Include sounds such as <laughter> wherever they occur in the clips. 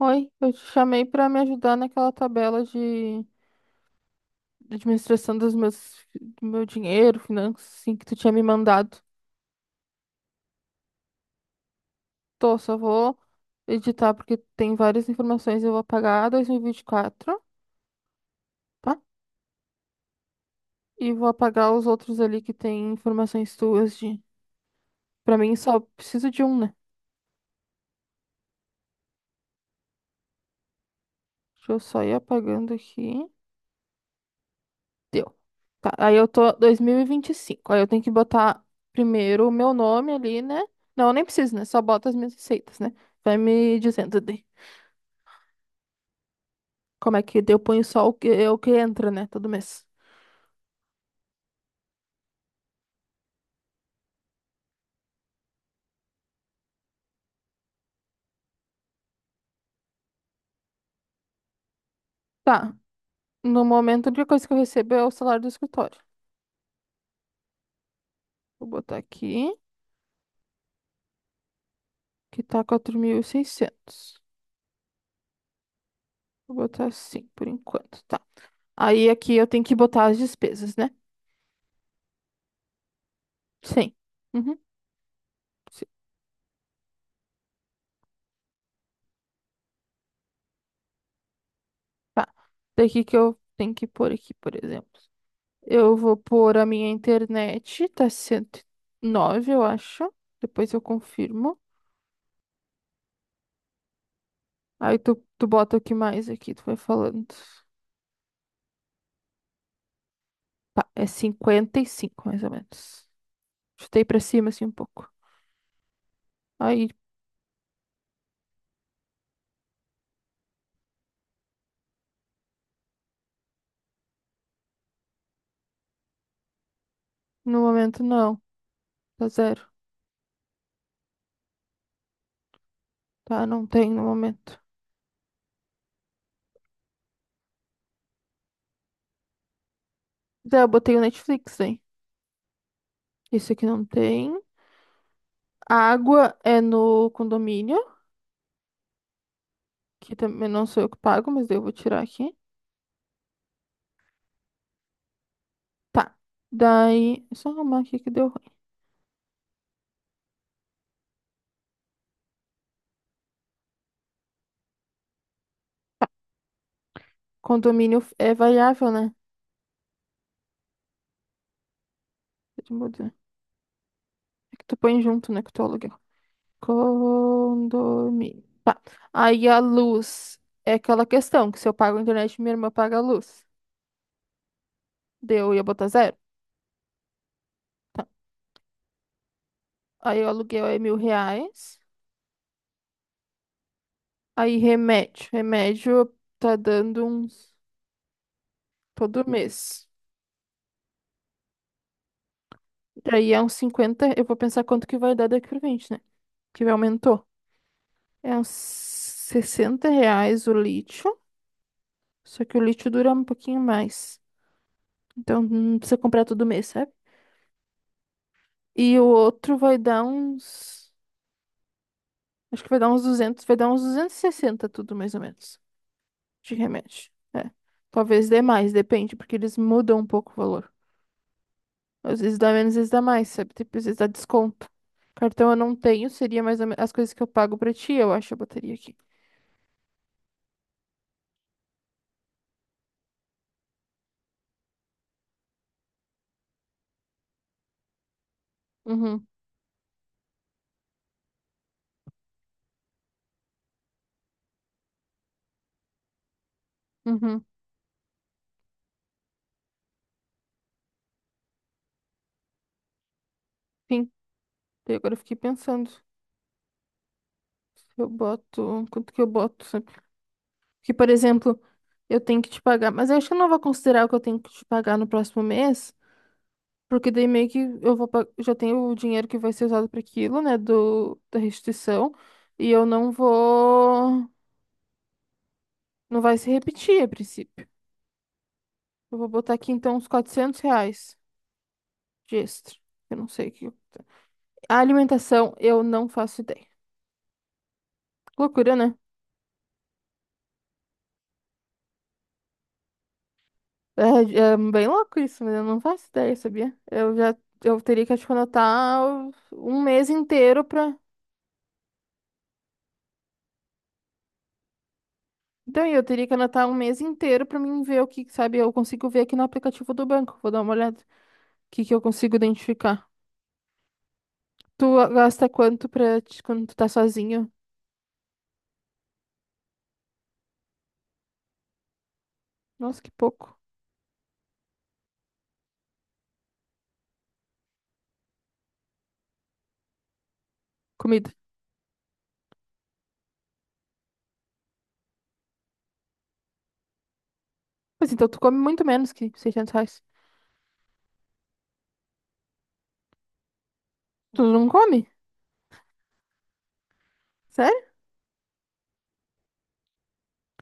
Oi, eu te chamei para me ajudar naquela tabela de administração do meu dinheiro, finanças, assim, que tu tinha me mandado. Tô, só vou editar porque tem várias informações. Eu vou apagar 2024, tá? E vou apagar os outros ali que tem informações tuas de. Pra mim, só preciso de um, né? Deixa eu só ir apagando aqui. Deu. Tá, aí eu tô dois mil e vinte e cinco. Aí eu tenho que botar primeiro o meu nome ali, né? Não, eu nem preciso, né? Só bota as minhas receitas, né? Vai me dizendo de como é que eu ponho só o que, é o que entra, né? Todo mês. Tá. No momento, a única coisa que eu recebo é o salário do escritório. Vou botar aqui, que tá 4.600. Vou botar assim, por enquanto, tá. Aí aqui eu tenho que botar as despesas, né? Sim. Uhum, sim. Tá. Daqui que eu tenho que pôr aqui, por exemplo. Eu vou pôr a minha internet, tá 109 eu acho. Depois eu confirmo. Aí tu bota o que mais aqui, tu vai falando. Tá, é 55 mais ou menos. Chutei pra cima, assim, um pouco. Aí, no momento, não. Tá zero. Tá, não tem no momento. Tá, eu botei o Netflix, hein? Isso aqui não tem. A água é no condomínio, que também não sou eu que pago, mas daí eu vou tirar aqui. Tá. Daí, é só arrumar aqui que deu. Condomínio é variável, né? Deixa eu mudar. É que tu põe junto, né? Que tu aluga. Condomínio. Tá. Aí a luz é aquela questão que se eu pago a internet, minha irmã paga a luz. Deu, eu ia botar zero. Tá. Aí o aluguel é R$ 1.000. Aí remédio. Remédio tá dando uns todo mês. Daí é uns 50. Eu vou pensar quanto que vai dar daqui pra frente, né? Que aumentou. É uns R$ 60 o lítio. Só que o lítio dura um pouquinho mais. Então não precisa comprar todo mês, sabe? E o outro vai dar uns. Acho que vai dar uns 200, vai dar uns 260 tudo mais ou menos de remédio. É. Talvez dê mais, depende, porque eles mudam um pouco o valor. Às vezes dá menos, às vezes dá mais, sabe? Tipo, às vezes dá desconto. Cartão eu não tenho, seria mais ou menos as coisas que eu pago pra ti, eu acho, eu botaria aqui. Uhum, uhum. Sim. Daí agora eu fiquei pensando. Eu boto. Quanto que eu boto, sabe? Porque, por exemplo, eu tenho que te pagar, mas eu acho que eu não vou considerar o que eu tenho que te pagar no próximo mês. Porque daí meio que já tenho o dinheiro que vai ser usado para aquilo, né, do da restituição, e eu não vou não vai se repetir a princípio. Eu vou botar aqui então uns R$ 400 de extra. Eu não sei o que. A alimentação eu não faço ideia. Loucura, né? É, é bem louco isso, mas eu não faço ideia, sabia? Eu teria que acho que anotar um mês inteiro para. Então, eu teria que anotar um mês inteiro para mim ver o que, sabe, eu consigo ver aqui no aplicativo do banco. Vou dar uma olhada. Que eu consigo identificar? Tu gasta quanto quando tu tá sozinho? Nossa, que pouco. Comida. Mas então tu come muito menos que R$ 600. Tu não come? Sério?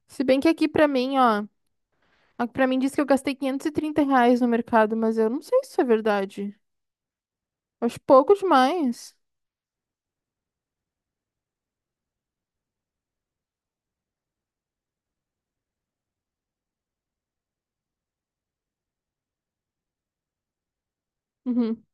Se bem que aqui pra mim, ó. Aqui pra mim diz que eu gastei R$ 530 no mercado, mas eu não sei se isso é verdade. Eu acho pouco demais. Uhum.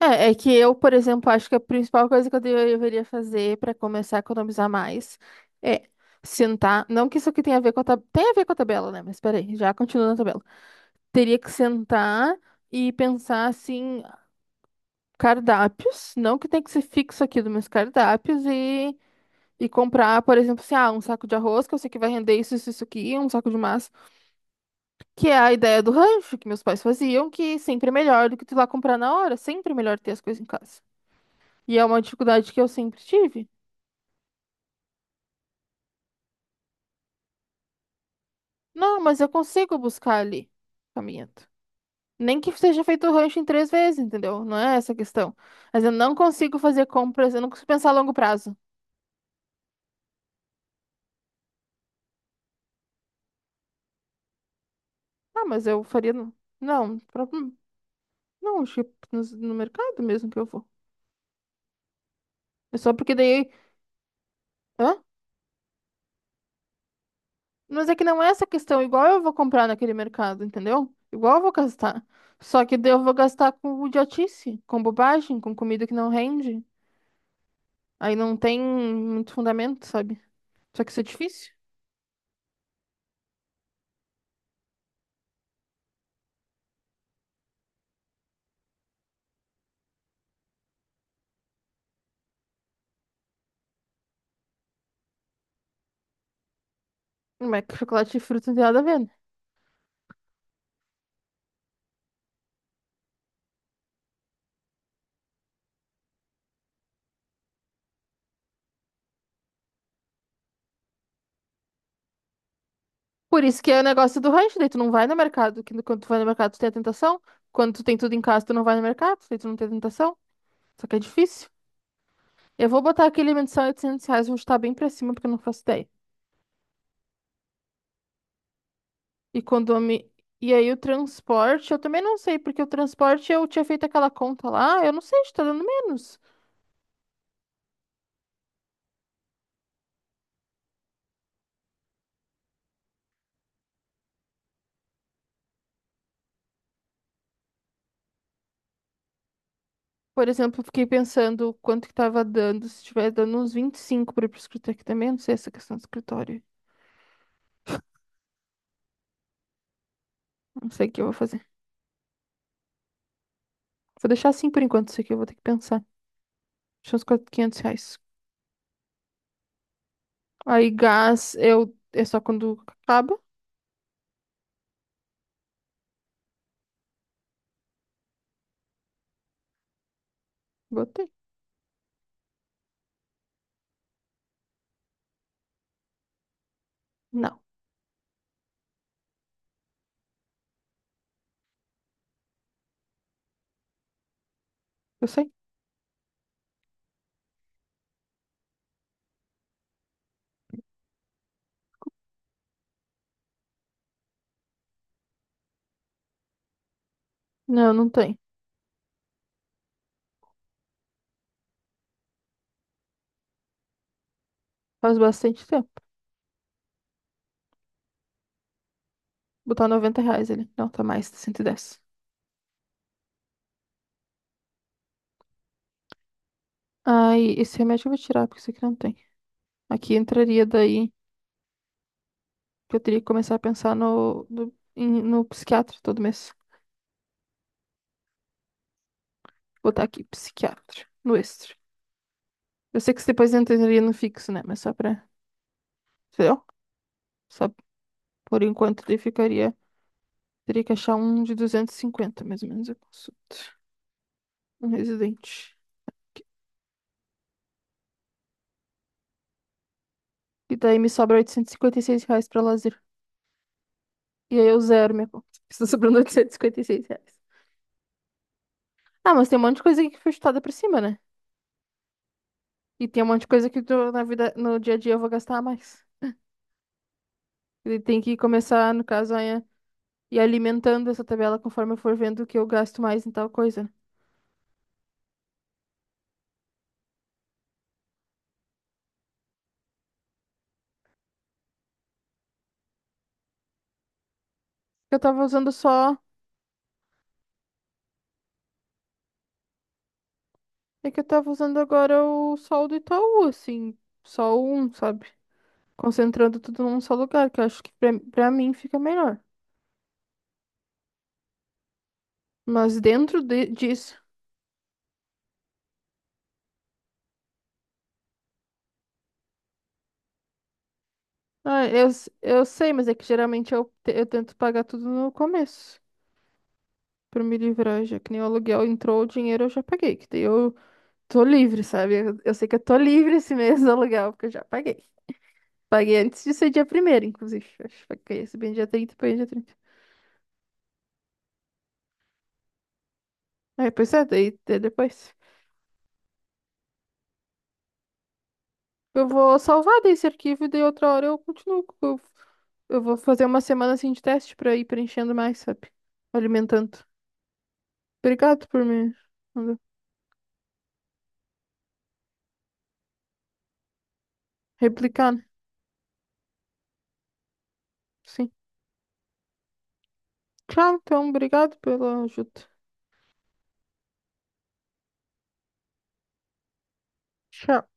É que eu, por exemplo, acho que a principal coisa que deveria fazer pra começar a economizar mais é sentar. Não que isso aqui tenha a ver com a tabela. Tem a ver com a tabela, né? Mas peraí, já continua na tabela. Teria que sentar e pensar assim, cardápios, não que tem que ser fixo aquilo, mas cardápios e comprar, por exemplo, assim, ah, um saco de arroz, que eu sei que vai render isso, isso, isso aqui, um saco de massa, que é a ideia do rancho que meus pais faziam, que sempre é melhor do que tu ir lá comprar na hora, sempre é melhor ter as coisas em casa. E é uma dificuldade que eu sempre tive. Não, mas eu consigo buscar ali, caminhando. Nem que seja feito o rancho em três vezes, entendeu? Não é essa a questão. Mas eu não consigo fazer compras, eu não consigo pensar a longo prazo. Ah, mas eu faria no. Não, próprio. Não, acho que no mercado mesmo que eu vou. É só porque daí. Hã? Mas é que não é essa questão. Igual eu vou comprar naquele mercado, entendeu? Igual eu vou gastar. Só que daí eu vou gastar com idiotice, com bobagem, com comida que não rende. Aí não tem muito fundamento, sabe? Só que isso é difícil. Mas é que chocolate e fruta não tem nada a ver, né? Por isso que é o negócio do rancho. Daí tu não vai no mercado. Que Quando tu vai no mercado, tu tem a tentação. Quando tu tem tudo em casa, tu não vai no mercado. Daí tu não tem a tentação. Só que é difícil. Eu vou botar aqui limite de só R$ 800, vou estar bem pra cima, porque eu não faço ideia. E condomínio. E aí o transporte, eu também não sei, porque o transporte eu tinha feito aquela conta lá, eu não sei se tá dando menos. Por exemplo, eu fiquei pensando quanto que tava dando, se estiver dando uns 25 pra ir pro escritório aqui também, eu não sei essa questão do escritório. Não sei o que eu vou fazer. Vou deixar assim por enquanto, isso aqui eu vou ter que pensar. Deixa uns 400, R$ 500. Aí gás, eu. É só quando acaba? Botei. Não, eu sei. Não, não tem. Faz bastante tempo. Botar R$ 90 ali. Não, tá mais, tá 110. Aí, esse remédio eu vou tirar, porque isso aqui não tem. Aqui entraria daí que eu teria que começar a pensar no psiquiatra todo mês. Botar aqui, psiquiatra, no extra. Eu sei que isso depois entraria no fixo, né? Mas só pra. Entendeu? Só por enquanto ele ficaria. Teria que achar um de 250 mais ou menos, eu consulto. Um residente. E daí me sobra oitocentos e cinquenta e seis reais pra lazer. E aí eu zero minha conta. <laughs> Está sobrando oitocentos e cinquenta e seis reais. Ah, mas tem um monte de coisa aqui que foi chutada pra cima, né? E tem um monte de coisa que tu, na vida, no dia a dia eu vou gastar mais. Ele tem que começar, no caso, a ir alimentando essa tabela conforme eu for vendo que eu gasto mais em tal coisa. Eu tava usando só. É que eu tava usando agora o sol do Itaú, assim. Só um, sabe? Concentrando tudo num só lugar, que eu acho que pra mim fica melhor. Mas dentro disso. Ah, eu sei, mas é que geralmente eu tento pagar tudo no começo. Pra me livrar, já que nem o aluguel entrou, o dinheiro eu já paguei. Que daí eu tô livre, sabe? Eu sei que eu tô livre esse mês do aluguel, porque eu já paguei. Paguei antes de ser dia primeiro, inclusive. Acho que paguei esse bem dia 30. Paguei dia 30. Aí, pois é, daí depois. Eu vou salvar desse arquivo e daí outra hora eu continuo. Eu vou fazer uma semana assim de teste pra ir preenchendo mais, sabe? Alimentando. Obrigado por me replicar, né? Sim. Tchau, então, obrigado pela ajuda. Tchau.